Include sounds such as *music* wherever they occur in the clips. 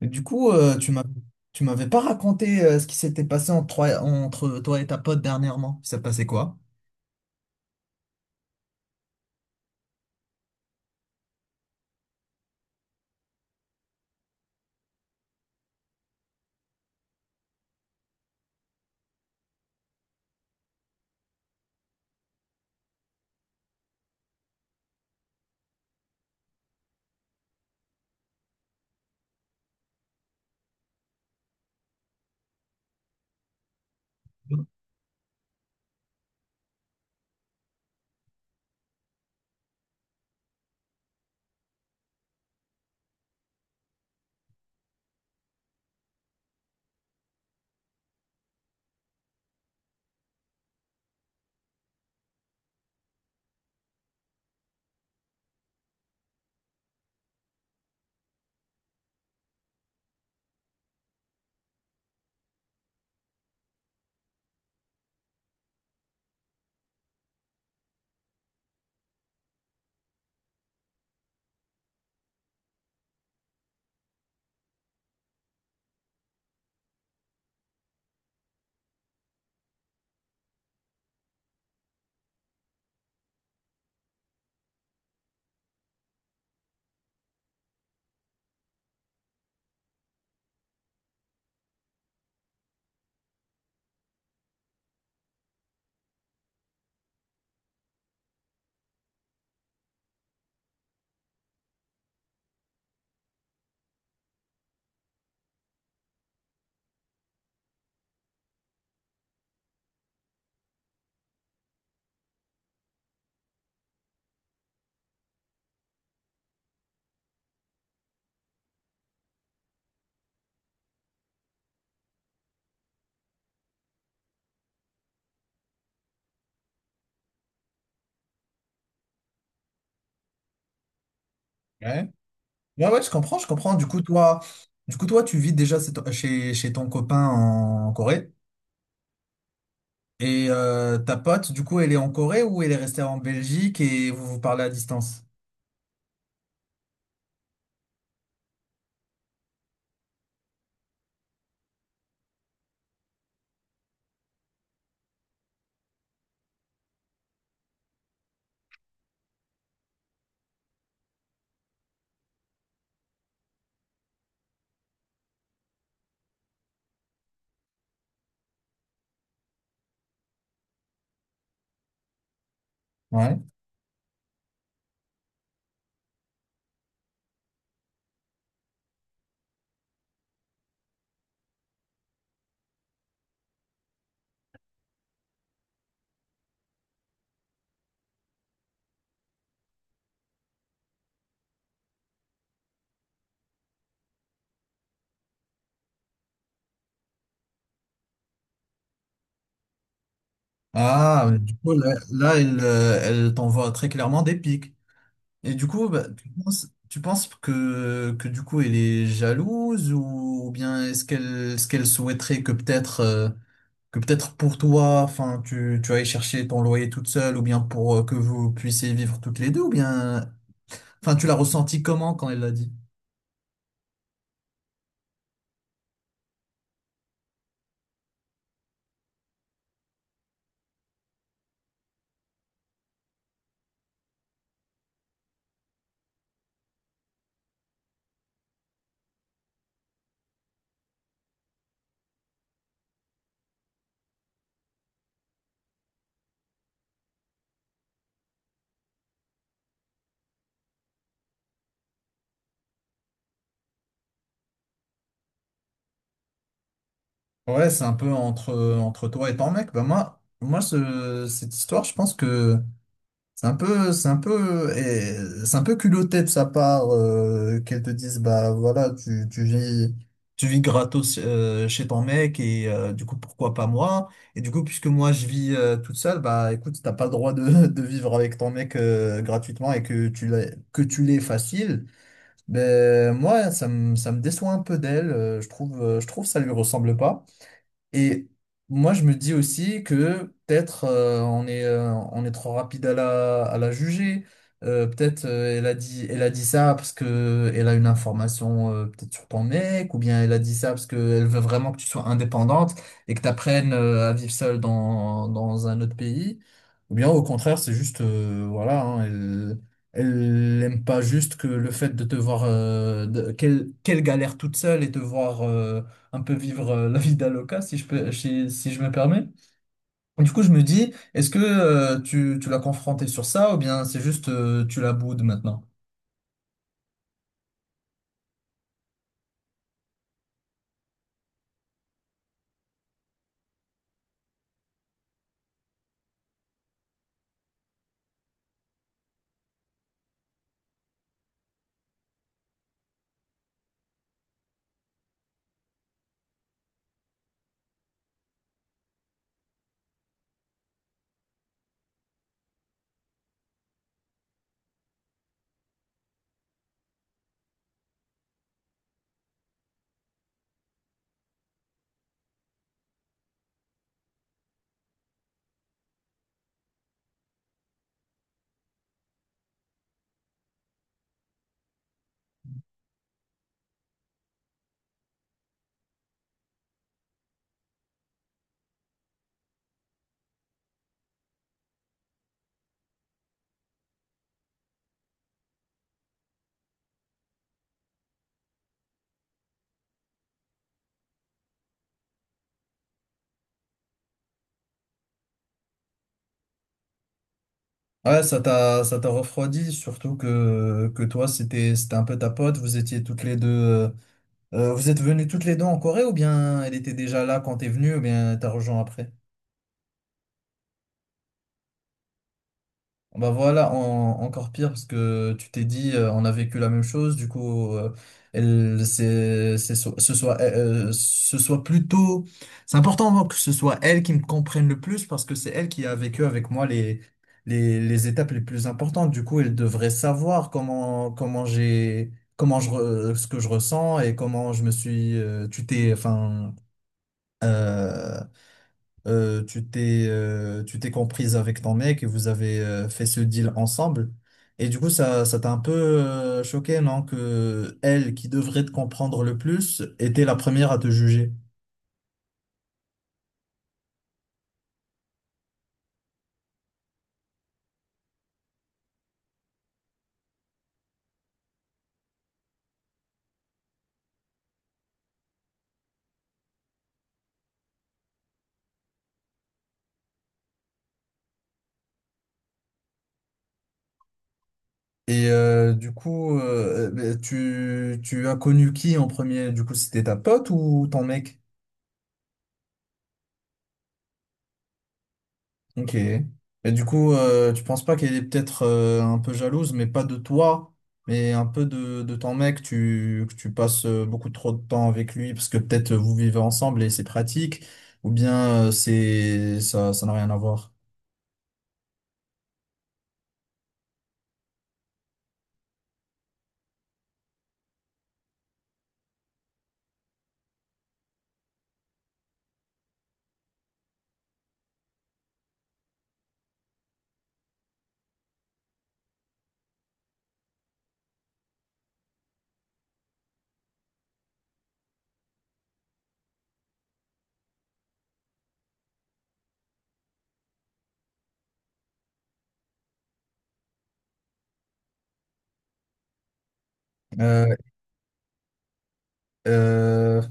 Et du coup, tu m'avais pas raconté ce qui s'était passé entre toi et ta pote dernièrement. Ça s'est passé quoi? Ouais. Ouais, ouais, je comprends, je comprends. Du coup, toi, tu vis déjà chez ton copain en Corée. Et ta pote, du coup, elle est en Corée ou elle est restée en Belgique et vous vous parlez à distance? Ouais. Ah, mais du coup, là, elle t'envoie très clairement des pics. Et du coup, bah, tu penses que du coup elle est jalouse ou bien est-ce qu'elle ce qu'elle souhaiterait que peut-être pour toi, enfin tu ailles chercher ton loyer toute seule, ou bien pour que vous puissiez vivre toutes les deux, ou bien enfin tu l'as ressenti comment quand elle l'a dit? Ouais, c'est un peu entre toi et ton mec. Bah moi cette histoire, je pense que c'est un peu culotté de sa part, qu'elle te dise, bah voilà, tu vis gratos chez ton mec et du coup pourquoi pas moi, et du coup puisque moi je vis toute seule, bah écoute, t'as pas le droit de, *laughs* de vivre avec ton mec gratuitement et que tu l'aies facile. Ben moi, ça me déçoit un peu d'elle, je trouve, ça lui ressemble pas. Et moi, je me dis aussi que peut-être, on est trop rapide à à la juger. Peut-être elle a dit ça parce que elle a une information, peut-être sur ton mec, ou bien elle a dit ça parce qu'elle veut vraiment que tu sois indépendante et que tu apprennes à vivre seule dans un autre pays. Ou bien au contraire, c'est juste, voilà, hein, elle aime pas juste que le fait de te voir, qu'elle galère toute seule et te voir, un peu vivre la vida loca, si je peux, si je me permets. Du coup, je me dis, est-ce que tu l'as confronté sur ça, ou bien c'est juste tu la boudes maintenant? Ouais, ça t'a refroidi, surtout que toi, c'était un peu ta pote, vous étiez toutes les deux, vous êtes venues toutes les deux en Corée, ou bien elle était déjà là quand t'es venu, ou bien t'as rejoint après? Bah voilà, encore pire, parce que tu t'es dit, on a vécu la même chose. Du coup, elle c'est so- ce soit plutôt c'est important, hein, que ce soit elle qui me comprenne le plus, parce que c'est elle qui a vécu avec moi les étapes les plus importantes. Du coup, elle devrait savoir comment comment j'ai comment je re- ce que je ressens et comment je me suis tu t'es, enfin, euh, tu t'es comprise avec ton mec, et vous avez fait ce deal ensemble. Et du coup, ça t'a un peu choqué, non? Que elle, qui devrait te comprendre le plus, était la première à te juger. Et du coup, tu as connu qui en premier? Du coup, c'était ta pote ou ton mec? Ok. Et du coup, tu penses pas qu'elle est peut-être, un peu jalouse, mais pas de toi, mais un peu de ton mec, que tu passes beaucoup trop de temps avec lui, parce que peut-être vous vivez ensemble et c'est pratique, ou bien c'est ça, ça n'a rien à voir. Euh, euh,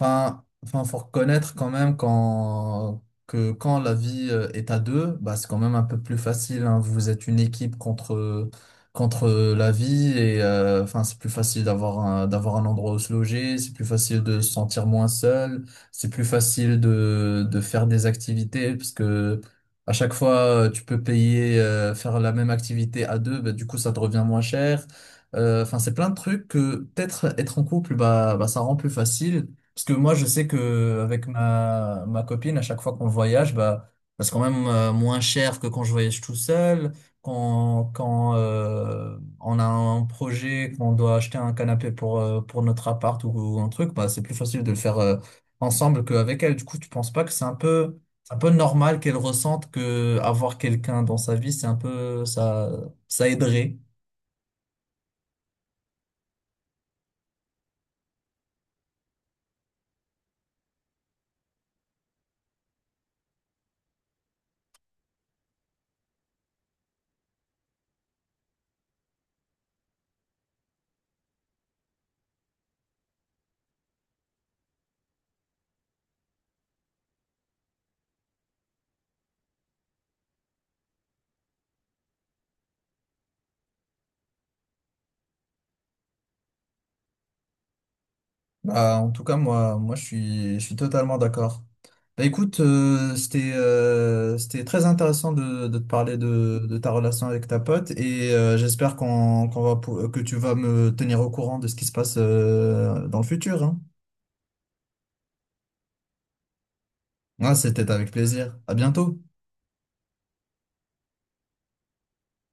enfin, faut reconnaître quand même que quand la vie est à deux, bah, c'est quand même un peu plus facile, hein. Vous êtes une équipe contre, contre la vie, et enfin, c'est plus facile d'avoir d'avoir un endroit où se loger, c'est plus facile de se sentir moins seul, c'est plus facile de faire des activités, parce que à chaque fois, tu peux payer, faire la même activité à deux, bah, du coup, ça te revient moins cher. Enfin, c'est plein de trucs que peut-être être en couple, bah, ça rend plus facile. Parce que moi, je sais que avec ma copine, à chaque fois qu'on voyage, bah, ça c'est quand même moins cher que quand je voyage tout seul. Quand on a un projet, qu'on doit acheter un canapé pour notre appart ou un truc, bah, c'est plus facile de le faire ensemble qu'avec elle. Du coup, tu penses pas que c'est un peu normal qu'elle ressente que avoir quelqu'un dans sa vie, c'est un peu, ça aiderait. Bah, en tout cas, moi, moi, je suis totalement d'accord. Bah, écoute, c'était très intéressant de te parler de ta relation avec ta pote, et j'espère que tu vas me tenir au courant de ce qui se passe dans le futur, hein. Ouais, c'était avec plaisir. À bientôt.